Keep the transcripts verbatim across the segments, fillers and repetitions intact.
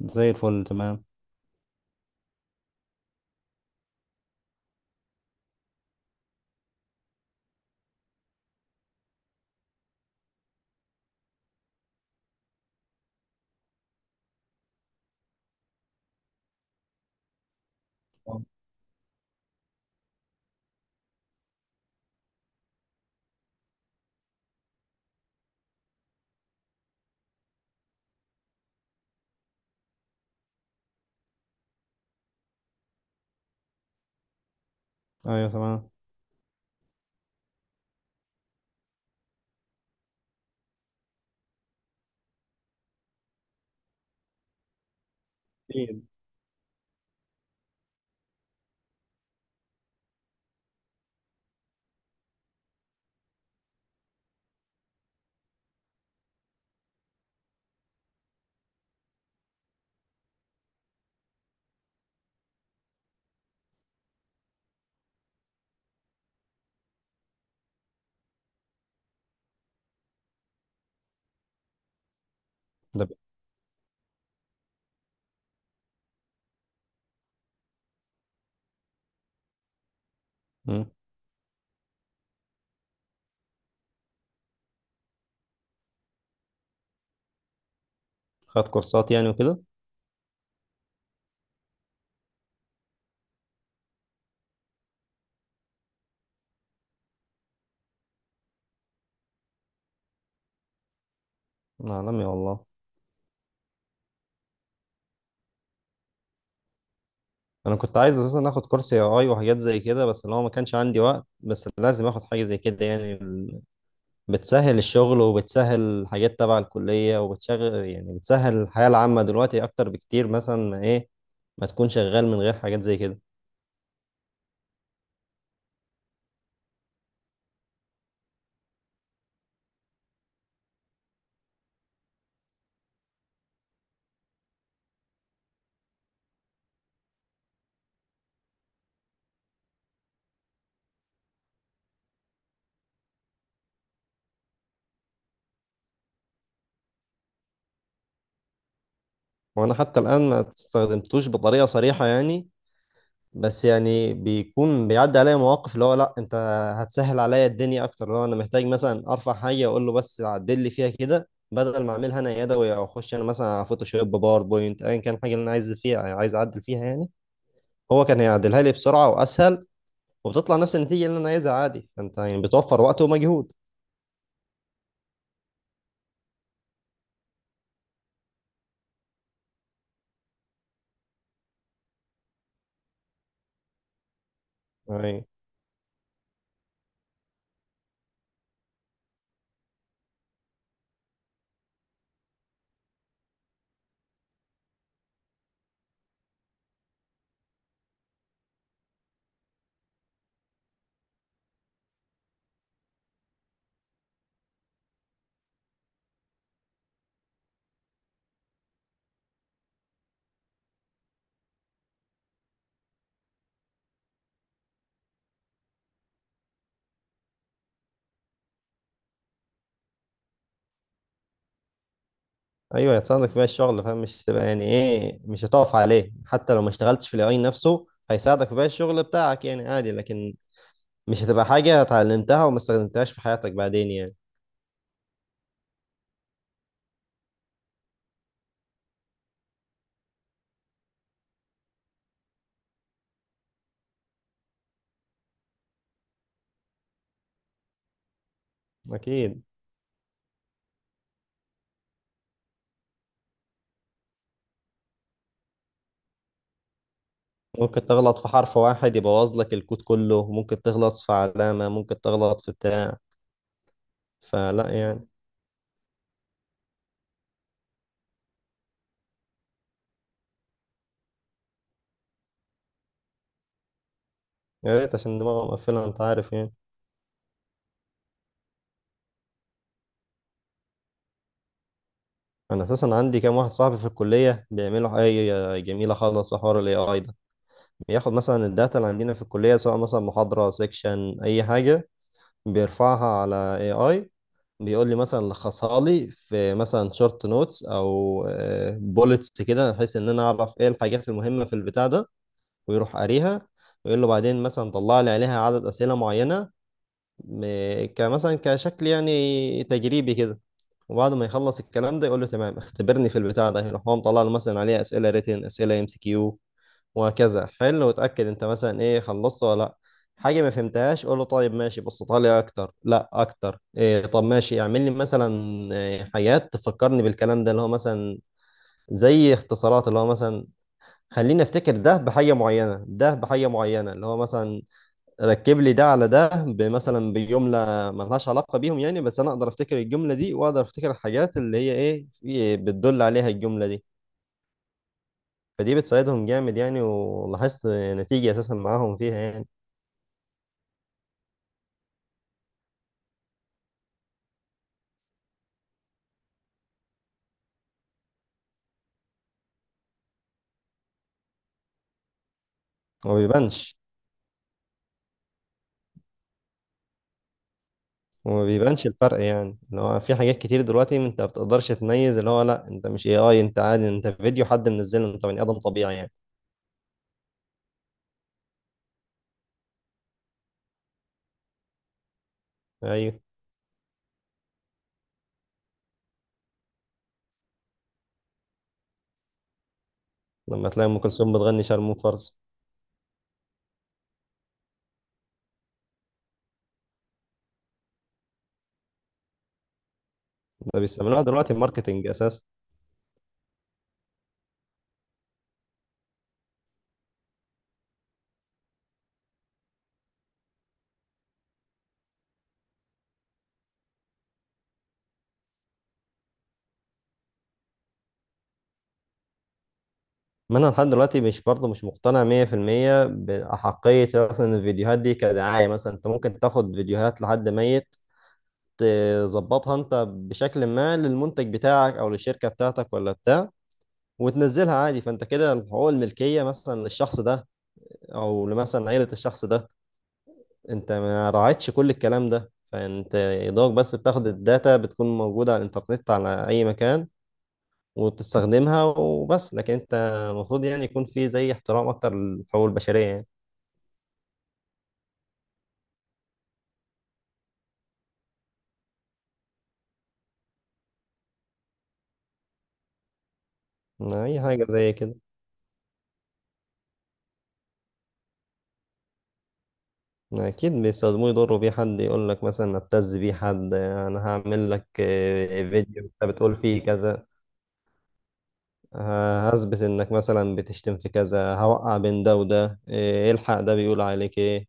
زي الفل، تمام. ايوه، تمام. أكيد. ده ب- مم. خد كورسات يعني وكده؟ عالمي والله. انا كنت عايز اساسا اخد كورس اي اي وحاجات زي كده، بس اللي هو ما كانش عندي وقت، بس لازم اخد حاجه زي كده، يعني ال- بتسهل الشغل وبتسهل حاجات تبع الكليه وبتشغل، يعني بتسهل الحياه العامه دلوقتي اكتر بكتير، مثلا ما ايه ما تكون شغال من غير حاجات زي كده. وانا حتى الان ما استخدمتوش بطريقه صريحه يعني، بس يعني بيكون بيعدي عليا مواقف اللي هو لا انت هتسهل عليا الدنيا اكتر، اللي هو انا محتاج مثلا ارفع حاجه اقول له بس عدل لي فيها كده بدل ما اعملها انا يدوي، او اخش انا مثلا على فوتوشوب، باوربوينت، ايا كان حاجه اللي انا عايز فيها، عايز اعدل فيها يعني. هو كان هيعدلها لي بسرعه واسهل، وبتطلع نفس النتيجه اللي انا عايزها عادي، فانت يعني بتوفر وقت ومجهود. ايوه، ايوه هتساعدك فيها الشغل، فاهم، مش تبقى يعني ايه، مش هتقف عليه، حتى لو ما اشتغلتش في الاي نفسه هيساعدك في باقي الشغل بتاعك يعني عادي. لكن مش هتبقى حاجة اتعلمتها وما استخدمتهاش في حياتك بعدين يعني. أكيد. ممكن تغلط في حرف واحد يبوظ لك الكود كله، ممكن تغلط في علامة، ممكن تغلط في بتاع، فلا يعني. يا ريت، عشان دماغه مقفلة، أنت عارف يعني. أنا أساسا عندي كام واحد صاحبي في الكلية بيعملوا حاجة جميلة خالص في حوار ال إيه آي ده. بياخد مثلا الداتا اللي عندنا في الكلية، سواء مثلا محاضرة، سيكشن، أي حاجة، بيرفعها على إيه آي، بيقول لي مثلا لخصها لي في مثلا شورت نوتس او بولتس كده، بحيث ان انا اعرف ايه الحاجات المهمه في البتاع ده، ويروح قاريها، ويقول له بعدين مثلا طلع لي عليها عدد اسئله معينه، م- كمثلا كشكل يعني تجريبي كده، وبعد ما يخلص الكلام ده يقول له تمام اختبرني في البتاع ده، يروح هو مطلع له مثلا عليها اسئله ريتن، اسئله ام سي كيو، وهكذا، حل وتأكد انت مثلا ايه، خلصت ولا لا، حاجة ما فهمتهاش قول له طيب ماشي بسطها لي اكتر، لا اكتر إيه، طب ماشي اعمل لي مثلا إيه حاجات تفكرني بالكلام ده، اللي هو مثلا زي اختصارات، اللي هو مثلا خليني افتكر ده بحاجة معينة، ده بحاجة معينة، اللي هو مثلا ركب لي ده على ده، مثلا بجملة ملهاش علاقة بيهم يعني، بس انا اقدر افتكر الجملة دي واقدر افتكر الحاجات اللي هي ايه في- بتدل عليها الجملة دي. فدي بتساعدهم جامد يعني، ولاحظت نتيجة أساسا معاهم فيها يعني. هو ما بيبانش. هو ما بيبانش الفرق يعني، اللي هو في حاجات كتير دلوقتي انت ما بتقدرش تميز، اللي هو لا انت مش اي اي، انت عادي، انت فيديو حد منزله، انت بني ادم طبيعي يعني. ايوه. لما تلاقي ام كلثوم بتغني شارمو فرز. ده بيستعملوها دلوقتي ماركتنج اساسا. ما انا لحد دلوقتي مش برضه مش مقتنع مئة في المية باحقيه مثلا الفيديوهات دي كدعايه، مثلا انت ممكن تاخد فيديوهات لحد ميت، تظبطها انت بشكل ما للمنتج بتاعك او للشركه بتاعتك ولا بتاع، وتنزلها عادي. فانت كده حقوق الملكيه مثلا للشخص ده، او مثلا عيلة الشخص ده، انت ما راعيتش كل الكلام ده. فانت يا دوبك بس بتاخد الداتا بتكون موجودة على الانترنت على اي مكان، وبتستخدمها وبس. لكن انت المفروض يعني يكون في زي احترام اكتر للحقوق البشرية يعني، اي حاجة زي كده. اكيد بيستخدموه يضروا بيه حد، يقول لك مثلا ابتز بيه حد، انا هعمل لك آه، فيديو انت بتقول فيه كذا، ه- هثبت انك مثلا بتشتم في كذا، هوقع بين ده وده، إيه، الحق ده بيقول عليك ايه.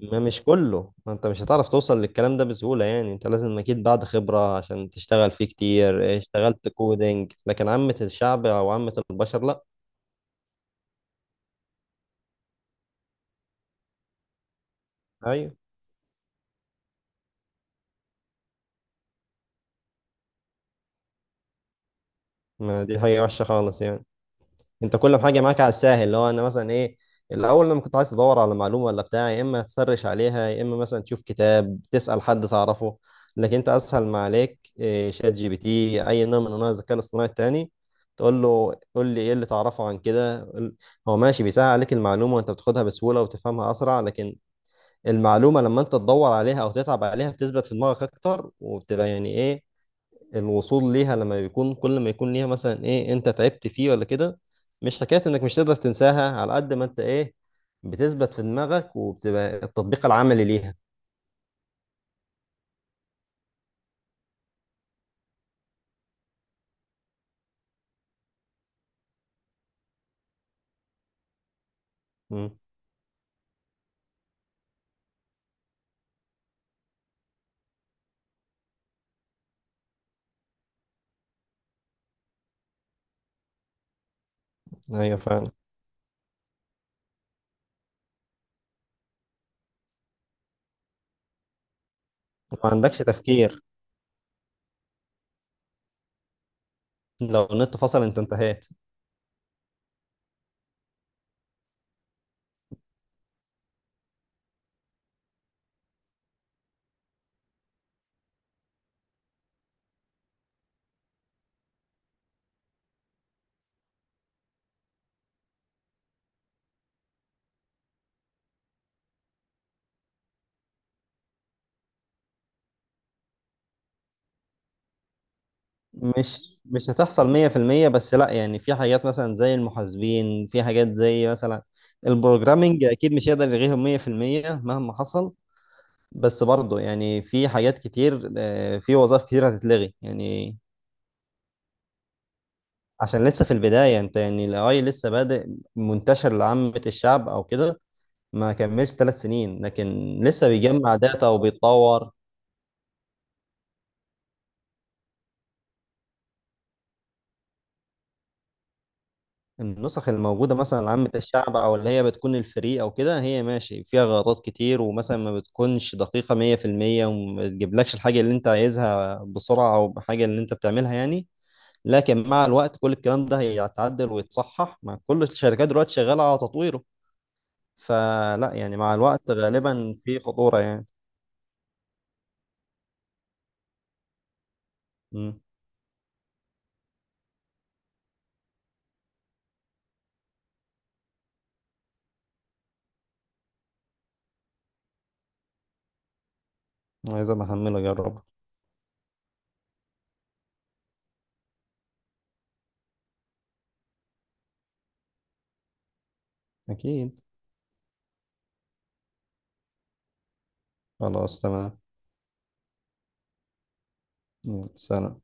ما مش كله، ما انت مش هتعرف توصل للكلام ده بسهولة يعني، انت لازم اكيد بعد خبرة عشان تشتغل فيه كتير، اشتغلت كودينج، لكن عامة الشعب او عامة البشر لا. ايوه. ما دي حاجة وحشة خالص يعني. انت كل حاجه معاك على الساهل، اللي هو انا مثلا ايه، الاول لما كنت عايز تدور على معلومه ولا بتاع، يا اما تسرش عليها، يا اما مثلا تشوف كتاب، تسال حد تعرفه. لكن انت اسهل ما عليك إيه، شات جي بي تي، اي نوع من انواع الذكاء الاصطناعي التاني، تقول له قول لي ايه اللي تعرفه عن كده، قول- هو ماشي بيسهل عليك المعلومه، وانت بتاخدها بسهوله وتفهمها اسرع. لكن المعلومه لما انت تدور عليها او تتعب عليها بتثبت في دماغك اكتر، وبتبقى يعني ايه، الوصول ليها لما بيكون كل ما يكون ليها مثلا ايه، انت تعبت فيه ولا كده، مش حكاية انك مش تقدر تنساها على قد ما انت ايه، بتثبت في دماغك وبتبقى التطبيق العملي ليها. مم. ايوه فعلا. ما عندكش تفكير. لو النت فصل انت انتهيت. مش مش هتحصل مئة في المية، بس لا يعني في حاجات مثلا زي المحاسبين، في حاجات زي مثلا البروجرامينج اكيد مش هيقدر يلغيهم مئة في المية مهما حصل. بس برضه يعني في حاجات كتير، آه، في وظائف كتير هتتلغي يعني. عشان لسه في البداية، انت يعني ال إيه آي لسه بادئ منتشر لعامة الشعب او كده، ما كملش ثلاث سنين، لكن لسه بيجمع داتا وبيتطور. النسخ الموجودة مثلا لعامة الشعب او اللي هي بتكون الفري او كده، هي ماشي فيها غلطات كتير، ومثلا ما بتكونش دقيقة مئة في المية، وما بتجيبلكش الحاجة اللي انت عايزها بسرعة او بحاجة اللي انت بتعملها يعني. لكن مع الوقت كل الكلام ده هيتعدل ويتصحح، مع كل الشركات دلوقتي شغالة على تطويره. فلا يعني، مع الوقت غالبا في خطورة يعني. عايز أبقى أحمله أجربه. أكيد. خلاص تمام. يلا سلام.